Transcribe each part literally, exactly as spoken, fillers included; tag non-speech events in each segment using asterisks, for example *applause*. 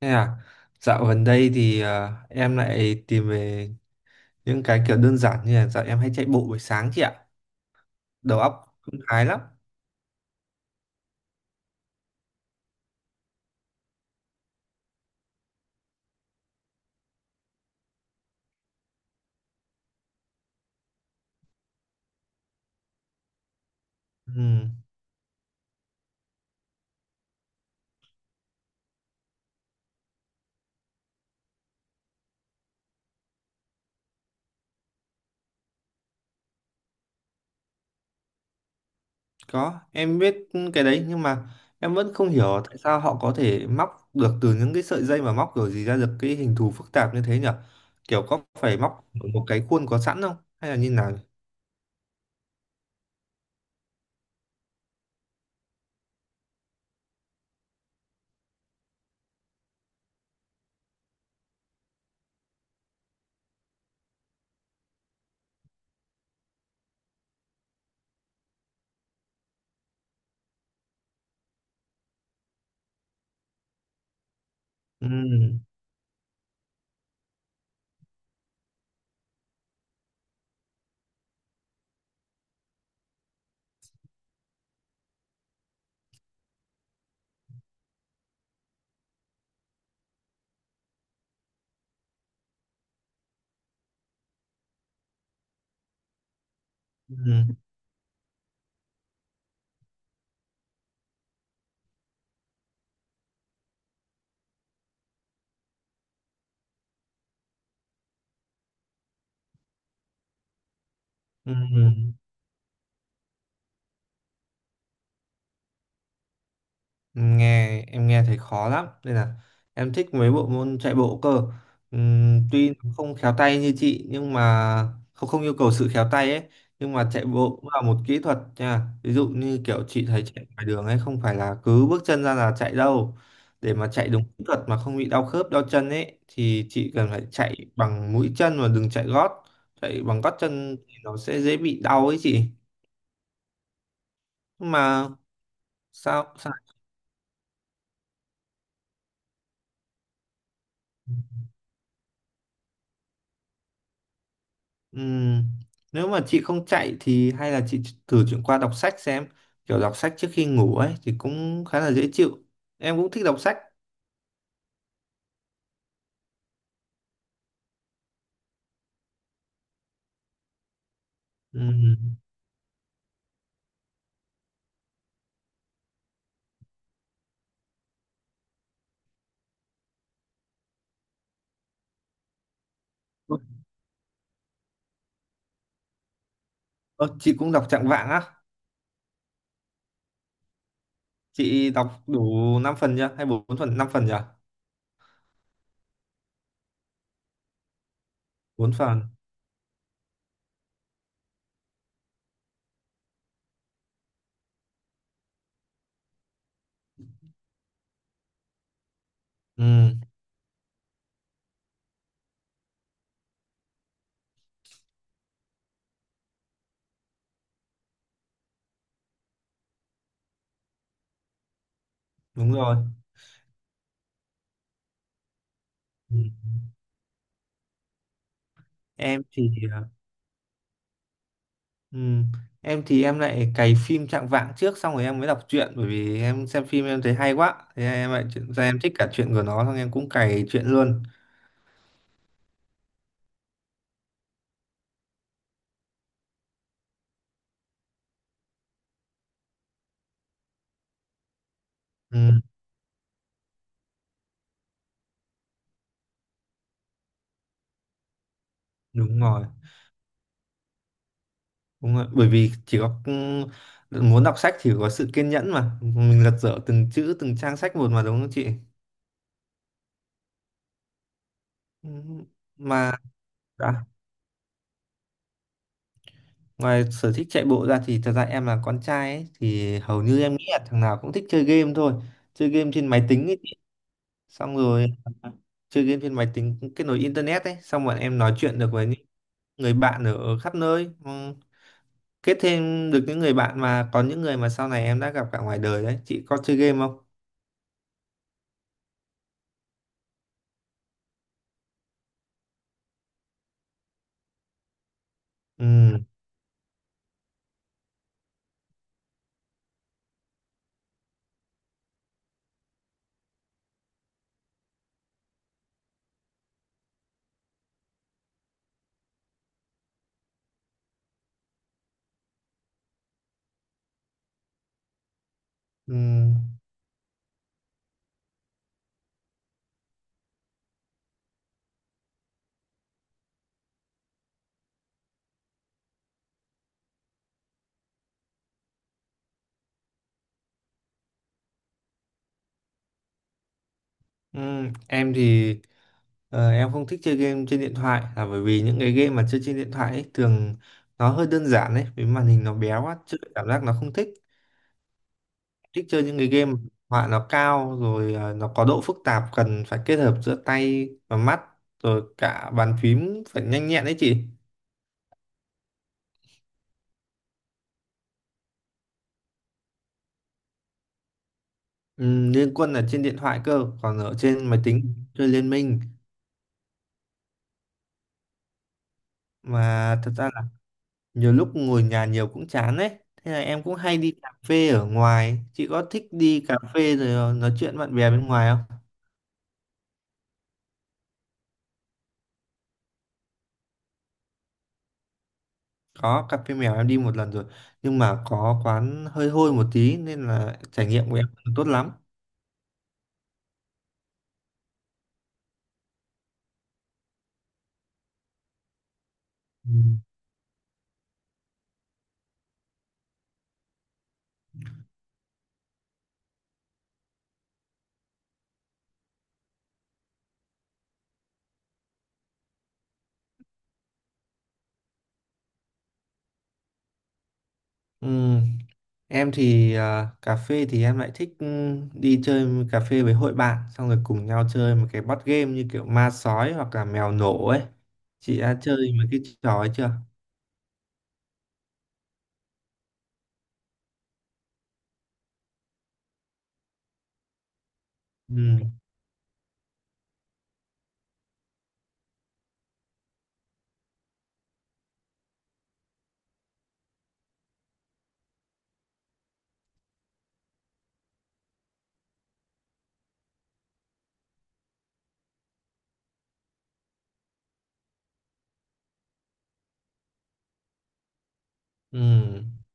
Thế à, Dạo gần đây thì ờ, em lại tìm về những cái kiểu đơn giản như là dạo em hay chạy bộ buổi sáng chị ạ. Đầu óc cũng thái lắm. Ừ, có, em biết cái đấy nhưng mà em vẫn không hiểu tại sao họ có thể móc được từ những cái sợi dây mà móc kiểu gì ra được cái hình thù phức tạp như thế nhở? Kiểu có phải móc ở một cái khuôn có sẵn không? Hay là như nào? Ừ, ừ, ừ. Ừ. Nghe em nghe thấy khó lắm nên là em thích mấy bộ môn chạy bộ cơ. Ừm, tuy nó không khéo tay như chị nhưng mà không không yêu cầu sự khéo tay ấy. Nhưng mà chạy bộ cũng là một kỹ thuật nha, ví dụ như kiểu chị thấy chạy ngoài đường ấy, không phải là cứ bước chân ra là chạy đâu. Để mà chạy đúng kỹ thuật mà không bị đau khớp đau chân ấy thì chị cần phải chạy bằng mũi chân và đừng chạy gót. Chạy bằng gót chân thì nó sẽ dễ bị đau ấy chị. Nhưng mà sao sao. Ừm, Nếu mà chị không chạy thì hay là chị thử chuyển qua đọc sách xem, kiểu đọc sách trước khi ngủ ấy thì cũng khá là dễ chịu. Em cũng thích đọc sách. Ừm. Ơ, ơ, chị cũng đọc Trạng Vạng á? Chị đọc đủ năm phần chưa hay bốn phần, năm phần chưa? Bốn phần. Ừm, đúng rồi. Ừm. Em thì ờ, ừm, em thì em lại cày phim Trạng Vạng trước xong rồi em mới đọc truyện, bởi vì em xem phim em thấy hay quá, thế em lại chuyển ra em thích cả truyện của nó, xong em cũng cày truyện luôn. Ừm, đúng rồi. Đúng rồi. Bởi vì chỉ có ừ, muốn đọc sách thì phải có sự kiên nhẫn mà mình lật dở từng chữ từng trang sách một mà, đúng không chị? Ừ. Mà đã, ngoài sở thích chạy bộ ra thì thật ra em là con trai ấy, thì hầu như em nghĩ là thằng nào cũng thích chơi game thôi, chơi game trên máy tính ấy chị. Xong rồi à, chơi game trên máy tính kết nối internet ấy, xong bọn em nói chuyện được với những người bạn ở khắp nơi. Ừ, kết thêm được những người bạn mà còn những người mà sau này em đã gặp cả ngoài đời đấy. Chị có chơi game không? Ừ. Ừ. Ừm, em thì ờ, em không thích chơi game trên điện thoại là bởi vì những cái game mà chơi trên điện thoại ấy, thường nó hơi đơn giản ấy, vì màn hình nó bé quá chơi cảm giác nó không thích. Thích chơi những cái game mà họa nó cao, rồi ờ, nó có độ phức tạp cần phải kết hợp giữa tay và mắt rồi cả bàn phím phải nhanh nhẹn đấy chị. Ừm, Liên Quân là trên điện thoại cơ, còn ở trên máy tính chơi Liên Minh. Mà thật ra nhiều lúc ngồi nhà nhiều cũng chán đấy, thế là em cũng hay đi cà phê ở ngoài. Chị có thích đi cà phê rồi ờ, nói chuyện bạn bè bên ngoài không? Có cà phê mèo em đi một lần rồi, nhưng mà có quán hơi hôi một tí nên là trải nghiệm của em không tốt lắm. Ừ. Ừ, em thì à, cà phê thì em lại thích ừ, đi chơi cà phê với hội bạn xong rồi cùng nhau chơi một cái board game như kiểu ma sói hoặc là mèo nổ ấy. Chị đã chơi mấy cái trò ấy chưa? Ừ. Ừ.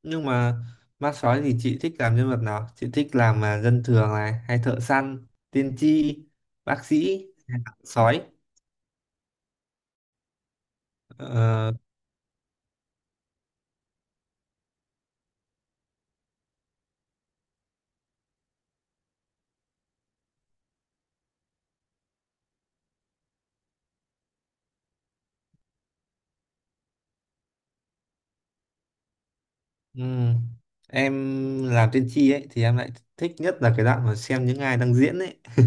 Nhưng mà ma sói thì chị thích làm nhân vật nào? Chị thích làm mà dân thường này, hay thợ săn, tiên tri, bác sĩ, sói. Ờ, ừ. Em làm tiên tri ấy thì em lại thích nhất là cái đoạn mà xem những ai đang diễn ấy. *laughs*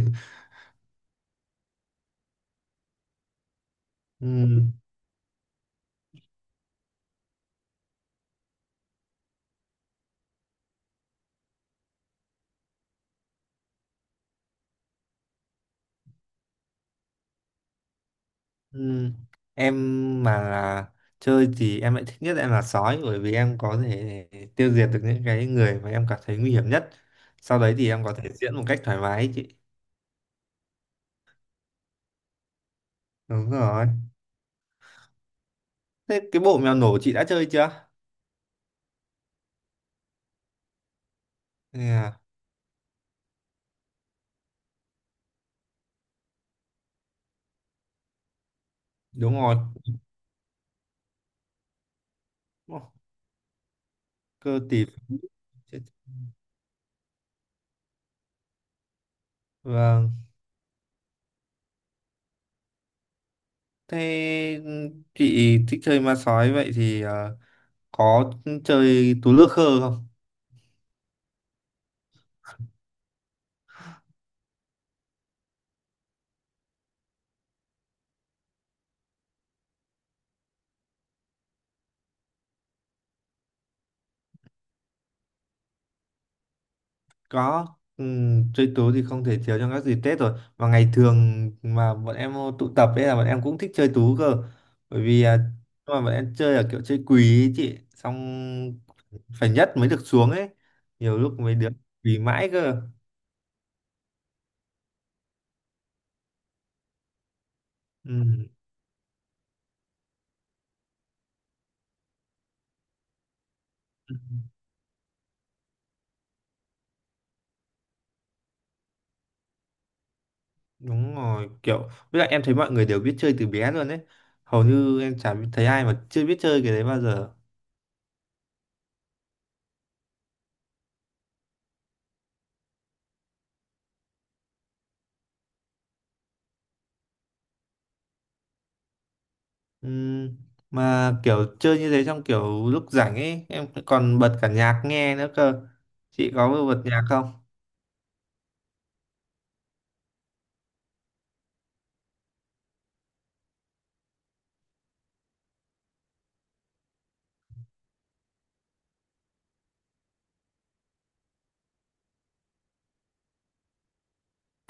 Ừ. Ừ. Em mà là chơi thì em lại thích nhất em là sói, bởi vì em có thể tiêu diệt được những cái người mà em cảm thấy nguy hiểm nhất. Sau đấy thì em có thể diễn một cách thoải mái ấy chị. Đúng rồi. Thế cái bộ mèo nổ chị đã chơi chưa? À, đúng rồi. Ô, Cơ tỷ phú. Chết. Vâng. Thế ừ, chị thích chơi ma sói vậy thì ờ, có chơi tú lơ khơ không? Có. Ừm, chơi tú thì không thể thiếu trong các dịp Tết rồi. Và ngày thường mà bọn em ờ, tụ tập ấy là bọn em cũng thích chơi tú cơ. Bởi vì à, nhưng mà bọn em chơi là kiểu chơi quỳ ấy chị. Xong phải nhất mới được xuống ấy. Nhiều lúc mấy đứa quỳ mãi cơ. Ừ. Đúng rồi, kiểu với lại em thấy mọi người đều biết chơi từ bé luôn đấy. Hầu như em chả thấy ai mà chưa biết chơi cái đấy bao giờ. Ừm, mà kiểu chơi như thế trong kiểu lúc rảnh ấy, em còn bật cả nhạc nghe nữa cơ. Chị có bật nhạc không?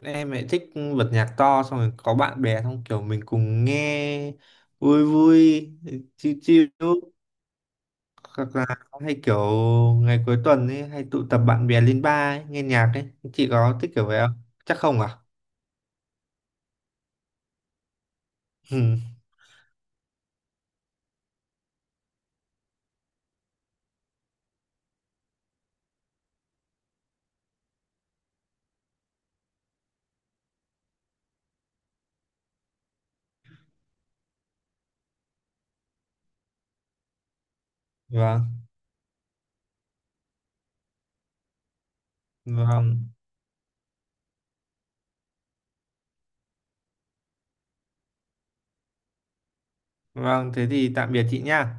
Em lại thích bật nhạc to xong rồi có bạn bè xong kiểu mình cùng nghe, vui vui, chill chill, hoặc là hay kiểu ngày cuối tuần ấy hay tụ tập bạn bè lên bar ấy, nghe nhạc ấy. Chị có thích kiểu vậy không? Chắc không à? *laughs* Ừ. Vâng. Vâng, vâng, thế thì tạm biệt chị nha.